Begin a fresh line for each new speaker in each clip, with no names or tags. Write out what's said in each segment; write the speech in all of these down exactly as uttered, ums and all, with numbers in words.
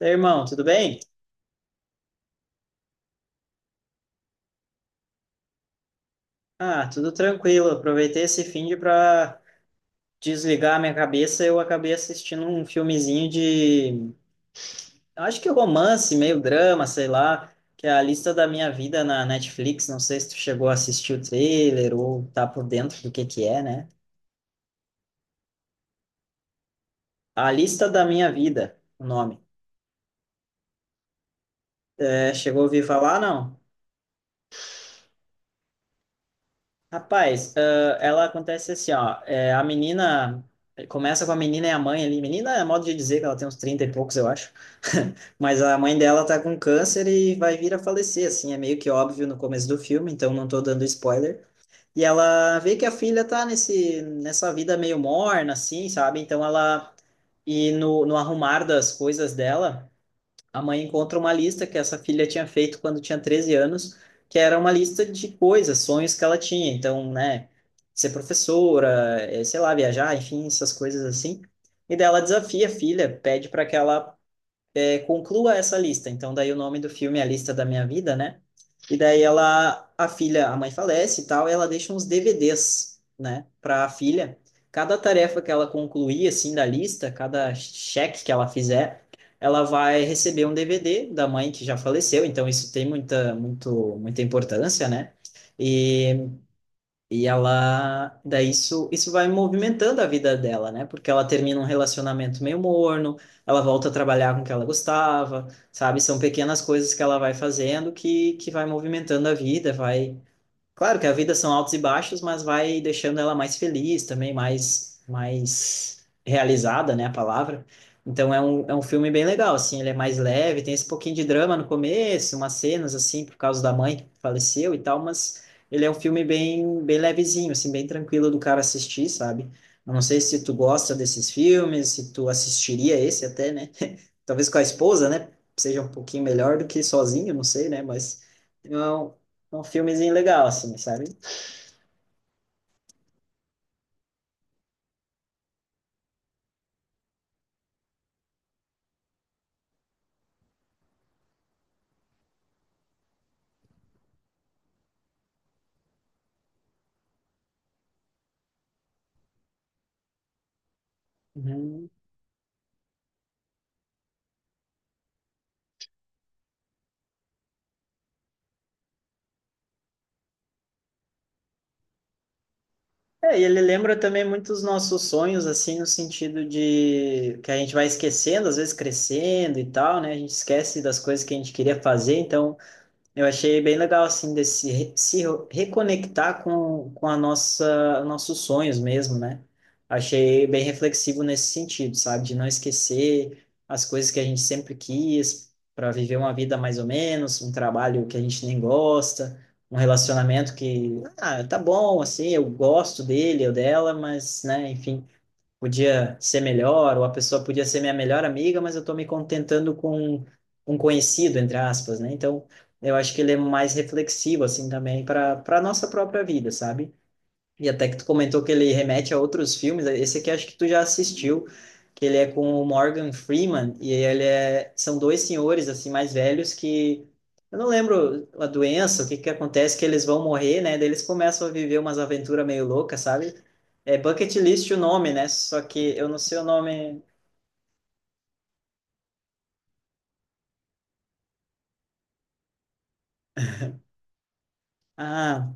Daí, irmão, tudo bem? Ah, tudo tranquilo. Aproveitei esse fim de para desligar a minha cabeça. Eu acabei assistindo um filmezinho de, acho que romance, meio drama, sei lá, que é A Lista da Minha Vida na Netflix. Não sei se tu chegou a assistir o trailer ou tá por dentro do que que é, né? A Lista da Minha Vida, o nome. É, chegou a ouvir falar, não? Rapaz, ah, ela acontece assim, ó. É, a menina começa com a menina e a mãe ali. Menina é modo de dizer que ela tem uns trinta e poucos, eu acho. Mas a mãe dela tá com câncer e vai vir a falecer, assim, é meio que óbvio no começo do filme, então não tô dando spoiler. E ela vê que a filha tá nesse, nessa vida meio morna, assim, sabe? Então ela. E no, no arrumar das coisas dela a mãe encontra uma lista que essa filha tinha feito quando tinha treze anos, que era uma lista de coisas, sonhos que ela tinha. Então, né, ser professora, eh, sei lá, viajar, enfim, essas coisas assim. E daí ela desafia a filha, pede para que ela eh, conclua essa lista. Então, daí o nome do filme é A Lista da Minha Vida, né? E daí ela, a filha, a mãe falece e tal, e ela deixa uns D V Ds, né, para a filha. Cada tarefa que ela concluir assim da lista, cada cheque que ela fizer, ela vai receber um D V D da mãe que já faleceu, então isso tem muita muito muita importância, né? E e ela, daí isso, isso vai movimentando a vida dela, né? Porque ela termina um relacionamento meio morno, ela volta a trabalhar com o que ela gostava, sabe? São pequenas coisas que ela vai fazendo que, que vai movimentando a vida, vai. Claro que a vida são altos e baixos, mas vai deixando ela mais feliz também, mais, mais realizada, né, a palavra. Então é um, é um filme bem legal, assim, ele é mais leve, tem esse pouquinho de drama no começo, umas cenas, assim, por causa da mãe que faleceu e tal, mas ele é um filme bem, bem levezinho, assim, bem tranquilo do cara assistir, sabe? Eu não sei se tu gosta desses filmes, se tu assistiria esse até, né? Talvez com a esposa, né? Seja um pouquinho melhor do que sozinho, não sei, né? Mas é um, é um filmezinho legal, assim, sabe? Uhum. É, e ele lembra também muitos nossos sonhos, assim, no sentido de que a gente vai esquecendo, às vezes crescendo e tal, né? A gente esquece das coisas que a gente queria fazer, então. Eu achei bem legal, assim, de se, re- se reconectar com, com a nossa, nossos sonhos mesmo, né? Achei bem reflexivo nesse sentido, sabe? De não esquecer as coisas que a gente sempre quis para viver uma vida mais ou menos, um trabalho que a gente nem gosta, um relacionamento que, ah, tá bom, assim, eu gosto dele ou dela, mas, né, enfim podia ser melhor, ou a pessoa podia ser minha melhor amiga, mas eu estou me contentando com um conhecido, entre aspas, né? Então, eu acho que ele é mais reflexivo, assim, também para para nossa própria vida, sabe? E até que tu comentou que ele remete a outros filmes, esse aqui acho que tu já assistiu, que ele é com o Morgan Freeman, e ele é, são dois senhores, assim, mais velhos que, eu não lembro a doença, o que que acontece, que eles vão morrer, né, daí eles começam a viver umas aventuras meio loucas, sabe? É Bucket List o nome, né, só que eu não sei o nome... Ah,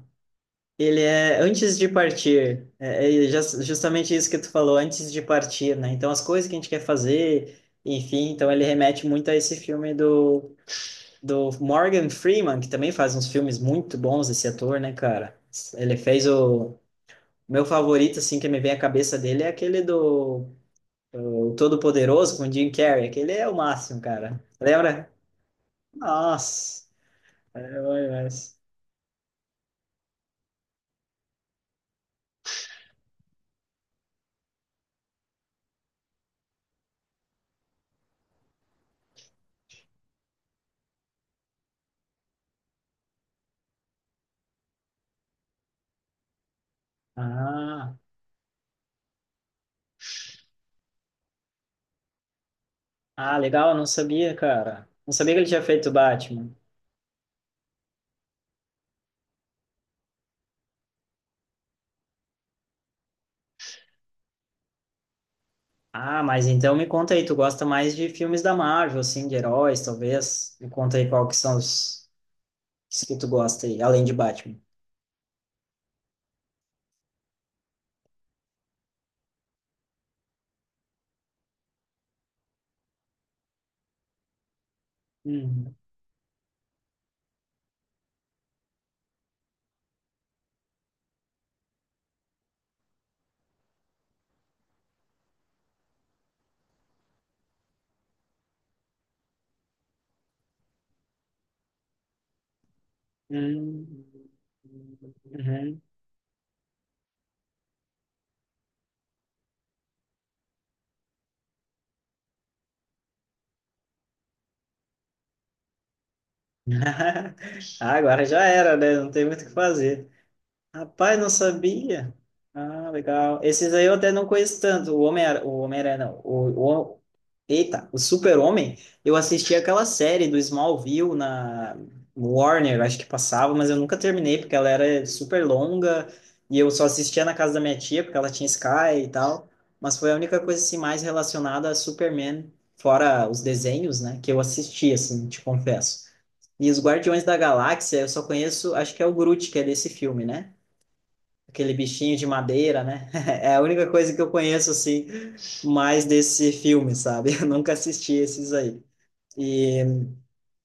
ele é Antes de Partir, é, é jus- justamente isso que tu falou, Antes de Partir, né? Então, as coisas que a gente quer fazer, enfim, então ele remete muito a esse filme do, do Morgan Freeman, que também faz uns filmes muito bons, esse ator, né, cara? Ele fez o meu favorito, assim, que me vem à cabeça dele é aquele do o Todo-Poderoso com o Jim Carrey, aquele é o máximo, cara. Lembra? Nossa, é bom demais. Ah, ah, legal, eu não sabia, cara. Não sabia que ele tinha feito o Batman. Ah, mas então me conta aí, tu gosta mais de filmes da Marvel, assim, de heróis, talvez? Me conta aí qual que são os, os que tu gosta aí, além de Batman. Uhum. Uhum. Uhum. Ah, agora já era, né? Não tem muito o que fazer. Rapaz, não sabia. Ah, legal. Esses aí eu até não conheço tanto. O homem, o homem não. O, o, eita, o Super-Homem. Eu assisti aquela série do Smallville na Warner, acho que passava, mas eu nunca terminei porque ela era super longa e eu só assistia na casa da minha tia porque ela tinha Sky e tal. Mas foi a única coisa assim mais relacionada a Superman, fora os desenhos, né, que eu assisti assim, te confesso. E os Guardiões da Galáxia, eu só conheço, acho que é o Groot que é desse filme, né? Aquele bichinho de madeira, né? É a única coisa que eu conheço, assim, mais desse filme, sabe? Eu nunca assisti esses aí. E,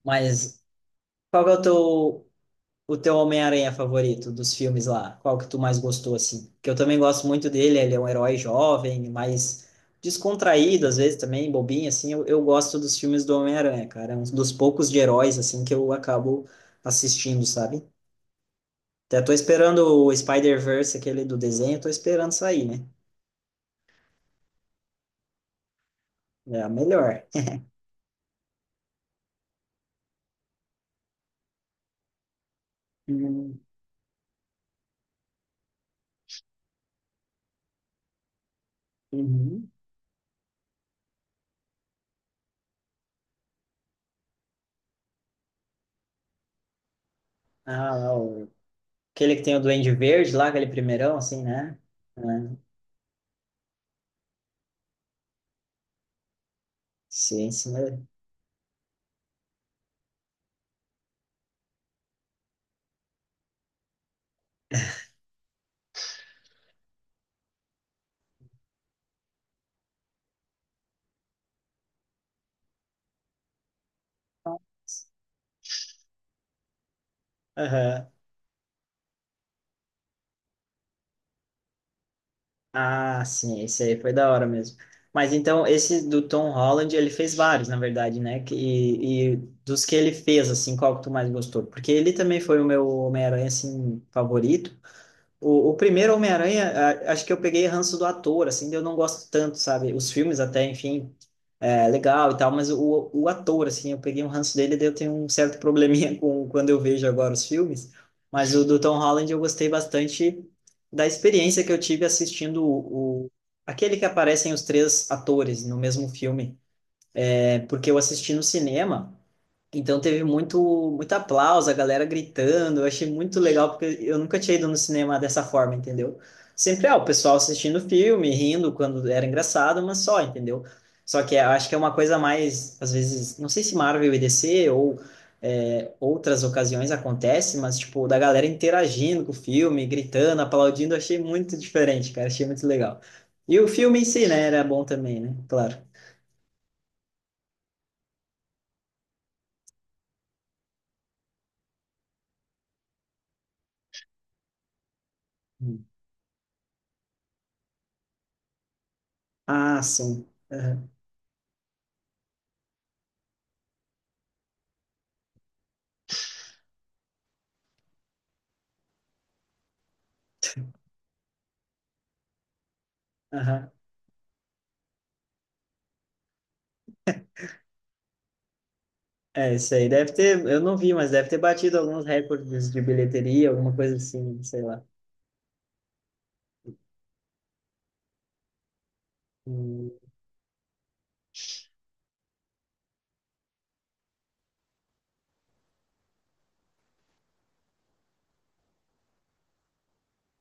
mas qual que é o teu, o teu Homem-Aranha favorito dos filmes lá? Qual que tu mais gostou, assim? Que eu também gosto muito dele, ele é um herói jovem, mais descontraído, às vezes também, bobinho, assim. Eu, eu gosto dos filmes do Homem-Aranha, cara. É um dos poucos de heróis, assim, que eu acabo assistindo, sabe? Até tô esperando o Spider-Verse, aquele do desenho, tô esperando sair, né? É a melhor. Uhum. Uhum. Ah, o... aquele que tem o Duende Verde lá, aquele primeirão, assim, né? É. Sim, sim. Aham. Ah, sim, esse aí foi da hora mesmo. Mas então, esse do Tom Holland, ele fez vários, na verdade, né? Que- E, e dos que ele fez, assim, qual que tu mais gostou? Porque ele também foi o meu Homem-Aranha, assim, favorito. O, o primeiro Homem-Aranha, a- acho que eu peguei ranço do ator, assim, eu não gosto tanto, sabe? Os filmes até, enfim, é legal e tal, mas o, o ator, assim, eu peguei um ranço dele, daí eu tenho um certo probleminha com quando eu vejo agora os filmes, mas o do Tom Holland eu gostei bastante da experiência que eu tive assistindo o, o aquele que aparecem os três atores no mesmo filme, é, porque eu assisti no cinema então teve muito, muito aplauso, a galera gritando. Eu achei muito legal, porque eu nunca tinha ido no cinema dessa forma, entendeu? Sempre, é o pessoal assistindo filme, rindo quando era engraçado, mas só, entendeu? Só que eu acho que é uma coisa mais, às vezes, não sei se Marvel e D C ou é, outras ocasiões acontece, mas, tipo, da galera interagindo com o filme, gritando, aplaudindo, eu achei muito diferente, cara, achei muito legal. E o filme em si, né, era bom também, né? Claro. Hum. Ah, sim. Aham, aham. É, isso aí deve ter, eu não vi, mas deve ter batido alguns recordes de bilheteria, alguma coisa assim, sei lá. Hum,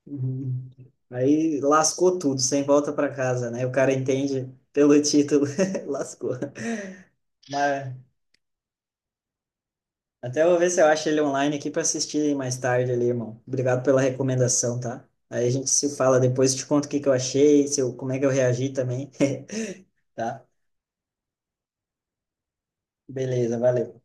uhum. Aí lascou tudo, sem volta para casa, né? O cara entende pelo título, lascou. Mas até vou ver se eu acho ele online aqui para assistir mais tarde ali, irmão. Obrigado pela recomendação, tá? Aí a gente se fala depois, te conto o que que eu achei, se eu, como é que eu reagi também, tá? Beleza, valeu.